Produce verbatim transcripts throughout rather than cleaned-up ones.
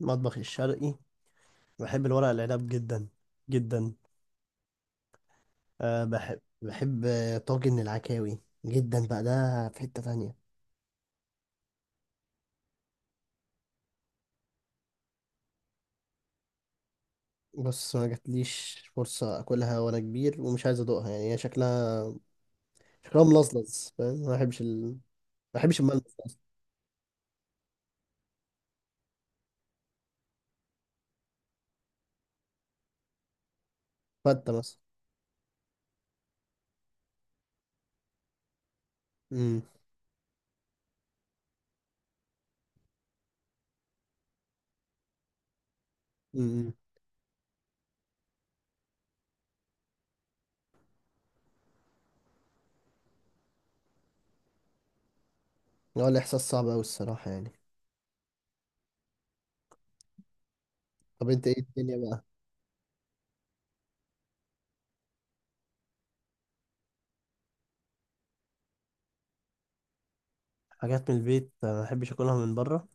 المطبخ الشرقي. بحب الورق العنب جدا جدا. أه بحب بحب آه، طاجن العكاوي جدا بقى، ده في حتة تانية. بص، ما جاتليش فرصة أكلها وأنا كبير ومش عايز أدوقها، يعني هي شكلها شكلها ملظلظ، فاهم؟ ما بحبش ال... ما بحبش الملمس ده أصلا. فتة مثلا. أمم. أمم. هو الإحساس صعب أوي الصراحة يعني. طب أنت إيه الدنيا بقى؟ حاجات من البيت آه، ما بحبش أكلها من بره.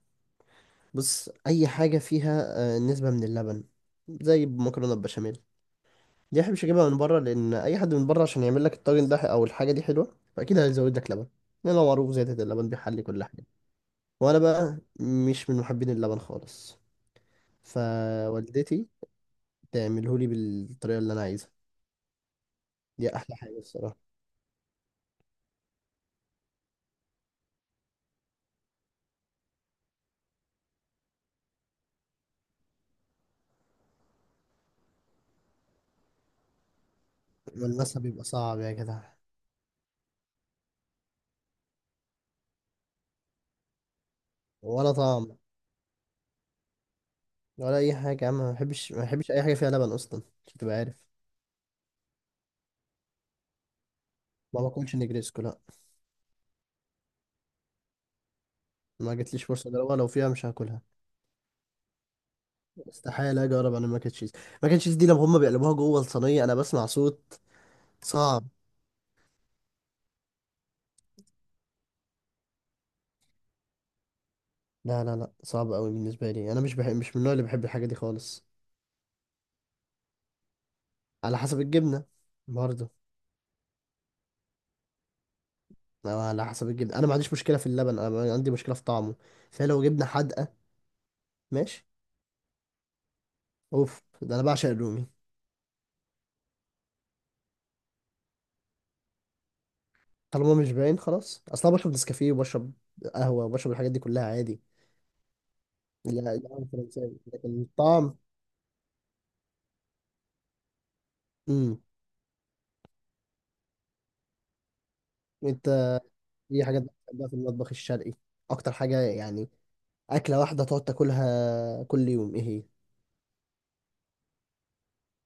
بص، أي حاجة فيها آه، نسبة من اللبن، زي المكرونة البشاميل. دي احبش اجيبها من بره، لان اي حد من بره عشان يعمل لك الطاجن ده او الحاجه دي حلوه فاكيد هيزود لك لبن. لان هو معروف زياده اللبن بيحلي كل حاجه. وانا بقى مش من محبين اللبن خالص. فوالدتي تعمله لي بالطريقه اللي انا عايزها، دي احلى حاجه الصراحه. والمسا بيبقى صعب يا جدع. ولا طعم ولا اي حاجه يا عم، ما بحبش ما بحبش اي حاجه فيها لبن اصلا، عشان تبقى عارف. ما باكلش نجريسكو، لا. ما جاتليش فرصه اجربها، لو فيها مش هاكلها. استحاله اجرب انا الماك أند تشيز. ماك أند تشيز دي لما هم بيقلبوها جوه الصينيه انا بسمع صوت صعب. لا لا لا، صعب قوي بالنسبة لي، انا مش بحب، مش من النوع اللي بحب الحاجة دي خالص. على حسب الجبنة برضه. أو على حسب الجبنة، انا ما عنديش مشكلة في اللبن، انا ما- عندي مشكلة في طعمه. فلو جبنة حادقة، ماشي. اوف، ده انا بعشق الرومي. طالما مش باين خلاص، اصلا بشرب نسكافيه وبشرب قهوة وبشرب الحاجات دي كلها عادي. لا القهوة الفرنساوي، لكن الطعم. امم. انت ايه حاجات بتحبها في المطبخ الشرقي؟ اكتر حاجة يعني، اكلة واحدة تقعد تاكلها كل يوم ايه هي؟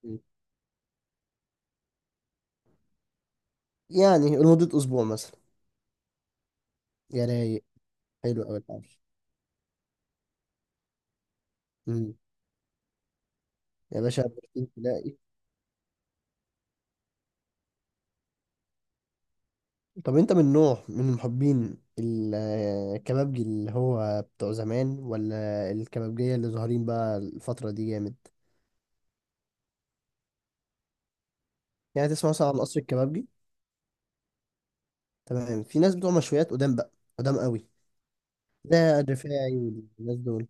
مم. يعني لمدة اسبوع مثلا. يا رايق. حلو قوي الحوار. امم. يا باشا بروتين تلاقي. طب انت من نوع، من محبين ال- الكبابجي اللي هو بتوع زمان، ولا الكبابجية اللي ظاهرين بقى الفترة دي جامد؟ يعني تسمع مثلا عن قصر الكبابجي. تمام. في ناس بتوع مشويات قدام بقى، قدام قوي، ده الرفاعي والناس دول.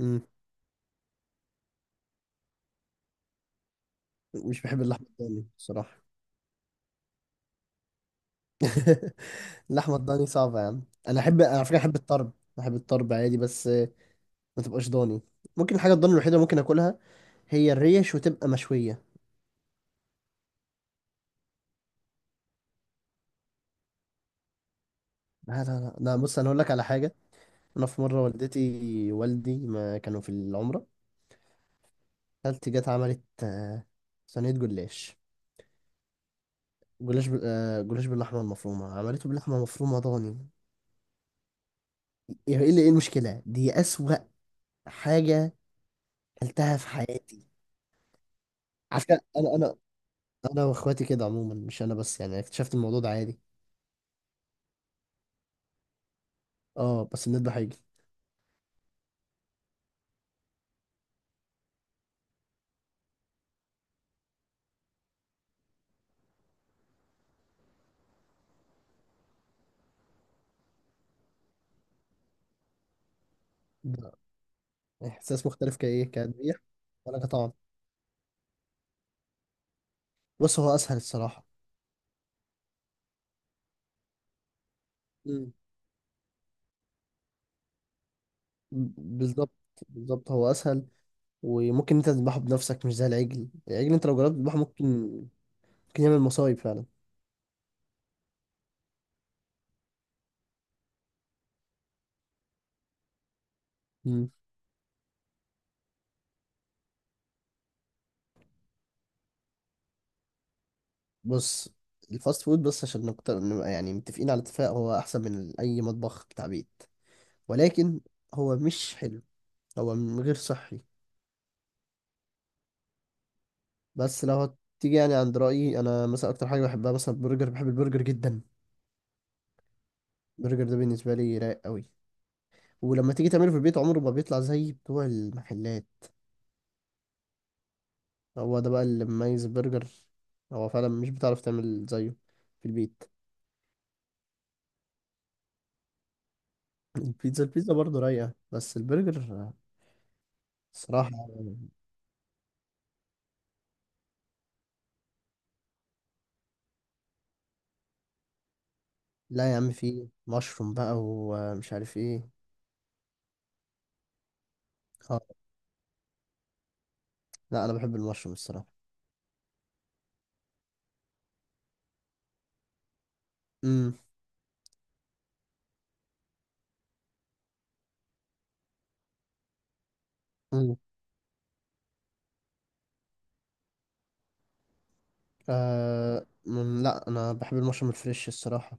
امم. مش بحب اللحمة الضاني الصراحة. اللحمة الضاني صعبة يا عم. انا احب على فكرة، احب الطرب. احب الطرب عادي، بس ما تبقاش ضاني. ممكن الحاجه الضاني الوحيده اللي ممكن اكلها هي الريش، وتبقى مشويه. لا لا لا لا، بص انا هقول لك على حاجه. انا في مره، والدتي والدي ما كانوا في العمره، خالتي جت عملت آه، صينيه جلاش. جلاش بال... آه، جلاش باللحمه المفرومه، عملته باللحمه المفرومه ضاني. ايه ايه اللي ايه المشكله، دي اسوأ حاجه اكلتها في حياتي. عارفه، انا انا انا واخواتي كده عموما، مش انا بس يعني، اكتشفت الموضوع ده عادي. اه، بس بنذبح حاجه. ده احساس مختلف، كايه كتذبيح ولا كطعم؟ بص هو اسهل الصراحه. مم. ب- بالظبط، بالظبط، هو اسهل. وممكن انت تذبحه بنفسك، مش زي العجل. العجل انت لو جربت تذبحه ممكن، ممكن يعمل مصايب فعلا. مم. بص، الفاست فود بس عشان نكتر، نبقى يعني متفقين على اتفاق، هو احسن من اي مطبخ بتاع بيت. ولكن هو مش حلو، هو م- غير صحي. بس لو هتيجي يعني عند رايي انا مثلا، اكتر حاجه بحبها مثلا البرجر، بحب البرجر جدا. البرجر ده بالنسبه لي رايق قوي. ولما تيجي تعمله في البيت عمره ما بيطلع زي بتوع المحلات. هو ده بقى اللي مميز برجر. هو فعلا مش بتعرف تعمل زيه في البيت. البيتزا، البيتزا برضه رايقة، بس البرجر صراحة. لا يا عم، فيه مشروم بقى ومش عارف ايه. اه. لا انا بحب المشروم الصراحة. امم. امم. آه. مم. لا انا بحب المشروم الفريش الصراحة.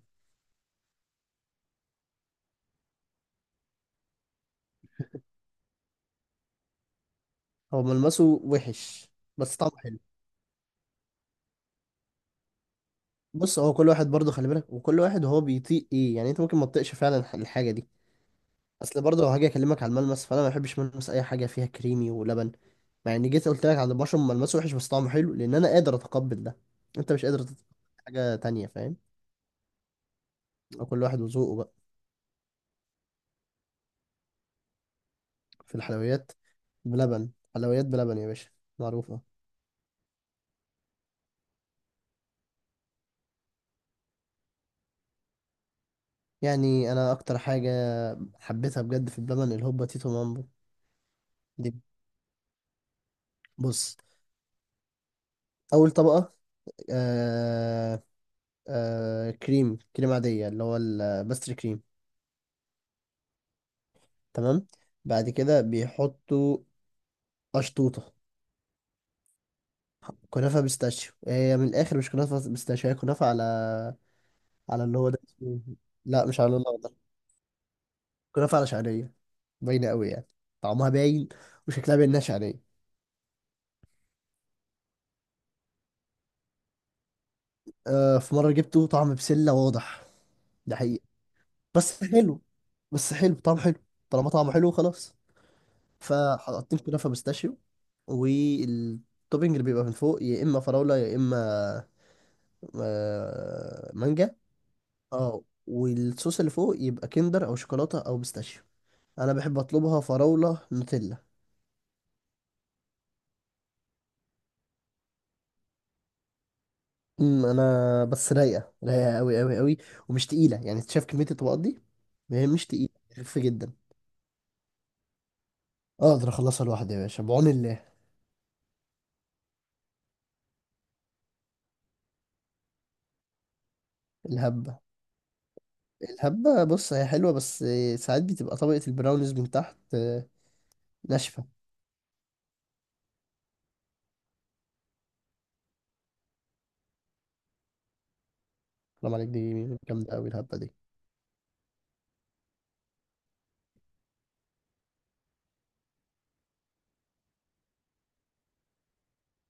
هو ملمسه وحش بس طعمه حلو. بص، هو كل واحد برضه خلي بالك، وكل واحد هو بيطيق ايه يعني، انت ممكن ما تطيقش فعلا الحاجة دي. اصل برضه لو هاجي اكلمك على الملمس، فانا ما بحبش ملمس اي حاجه فيها كريمي ولبن. مع اني جيت قلت لك على البشر ملمسه وحش بس طعمه حلو، لان انا قادر اتقبل ده، انت مش قادر تتقبل حاجه تانية، فاهم؟ او كل واحد وذوقه بقى. في الحلويات، بلبن، حلويات بلبن يا باشا، معروفه. يعني انا اكتر حاجه حبيتها بجد في اللبن الهوبا تيتو مامبو. دي، بص، اول طبقه آه آه كريم كريم عاديه اللي هو الباستري كريم. تمام. بعد كده بيحطوا قشطوطه. كنافة بيستاشيو، هي من الآخر مش كنافة بيستاشيو، هي كنافة على، على اللي هو ده اسمه. لا مش على الله ده. كنافة على شعرية، باينة قوي يعني، طعمها باين وشكلها باين إنها شعرية. آه في مرة جبته طعم بسلة واضح، ده حقيقي. بس حلو، بس حلو، طعم حلو. طالما طعمه حلو، خلاص. فحطيت كنافة بيستاشيو، والتوبينج اللي بيبقى من فوق يا اما فراولة يا اما آه، مانجا. اه، والصوص اللي فوق يبقى كندر او شوكولاتة او بيستاشيو. انا بحب اطلبها فراوله نوتيلا. امم، انا بس رايقه، رايقه قوي قوي قوي. ومش تقيله، يعني انت شايف كميه الطبقات دي، هي مش تقيله، خفيفه جدا. اقدر اخلصها لوحدي يا باشا بعون الله. الهبه. الهبه بص هي حلوه، بس ساعات بتبقى طبقه البراونيز من تحت آه، ناشفه. حرام عليك، دي جامده قوي الهبه دي.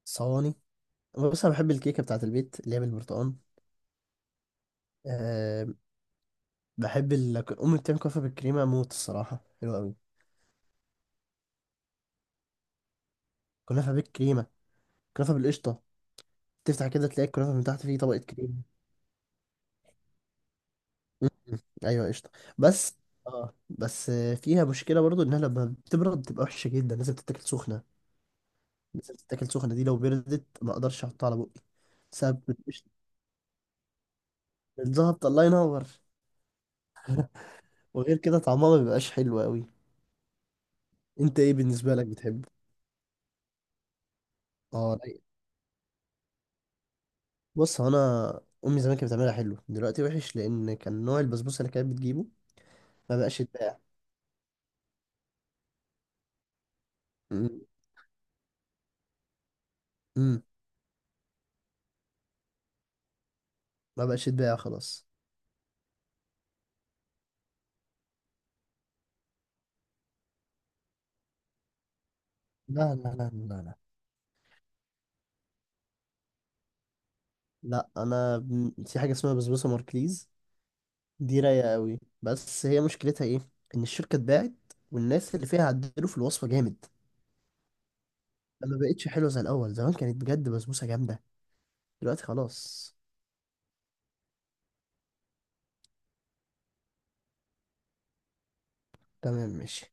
صواني. بص انا بحب الكيكه بتاعت البيت اللي هي بالبرتقال. أه. بحب ال... امي بتعمل كنافه بالكريمه موت الصراحه، حلوه قوي. كنافه بالكريمه، كنافه بالقشطه. تفتح كده تلاقي الكنافة من تحت فيه طبقة كريم. مم. ايوه قشطة. بس اه، بس آه، فيها مشكلة برضو انها لما بتبرد بتبقى وحشة جدا، لازم تتاكل سخنة. لازم تتاكل سخنة، دي لو بردت ما اقدرش احطها على بقي، بسبب القشطة. الزهبط الله ينور. وغير كده طعمها ما بيبقاش حلو قوي. انت ايه بالنسبة لك بتحب؟ اه رايق. بص هو انا، امي زمان كانت بتعملها حلو، دلوقتي وحش لان كان نوع البسبوسة اللي كانت بتجيبه ما بقاش يتباع. مم. مم. ما بقاش يتباع خلاص. لا لا لا لا لا. لا انا بن- في حاجه اسمها بسبوسه ماركليز، دي رايقه قوي، بس هي مشكلتها ايه، ان الشركه اتباعت والناس اللي فيها عدلوا في الوصفه جامد. فما بقتش حلوه زي الاول، زمان كانت بجد بسبوسه جامده، دلوقتي خلاص. تمام، ماشي.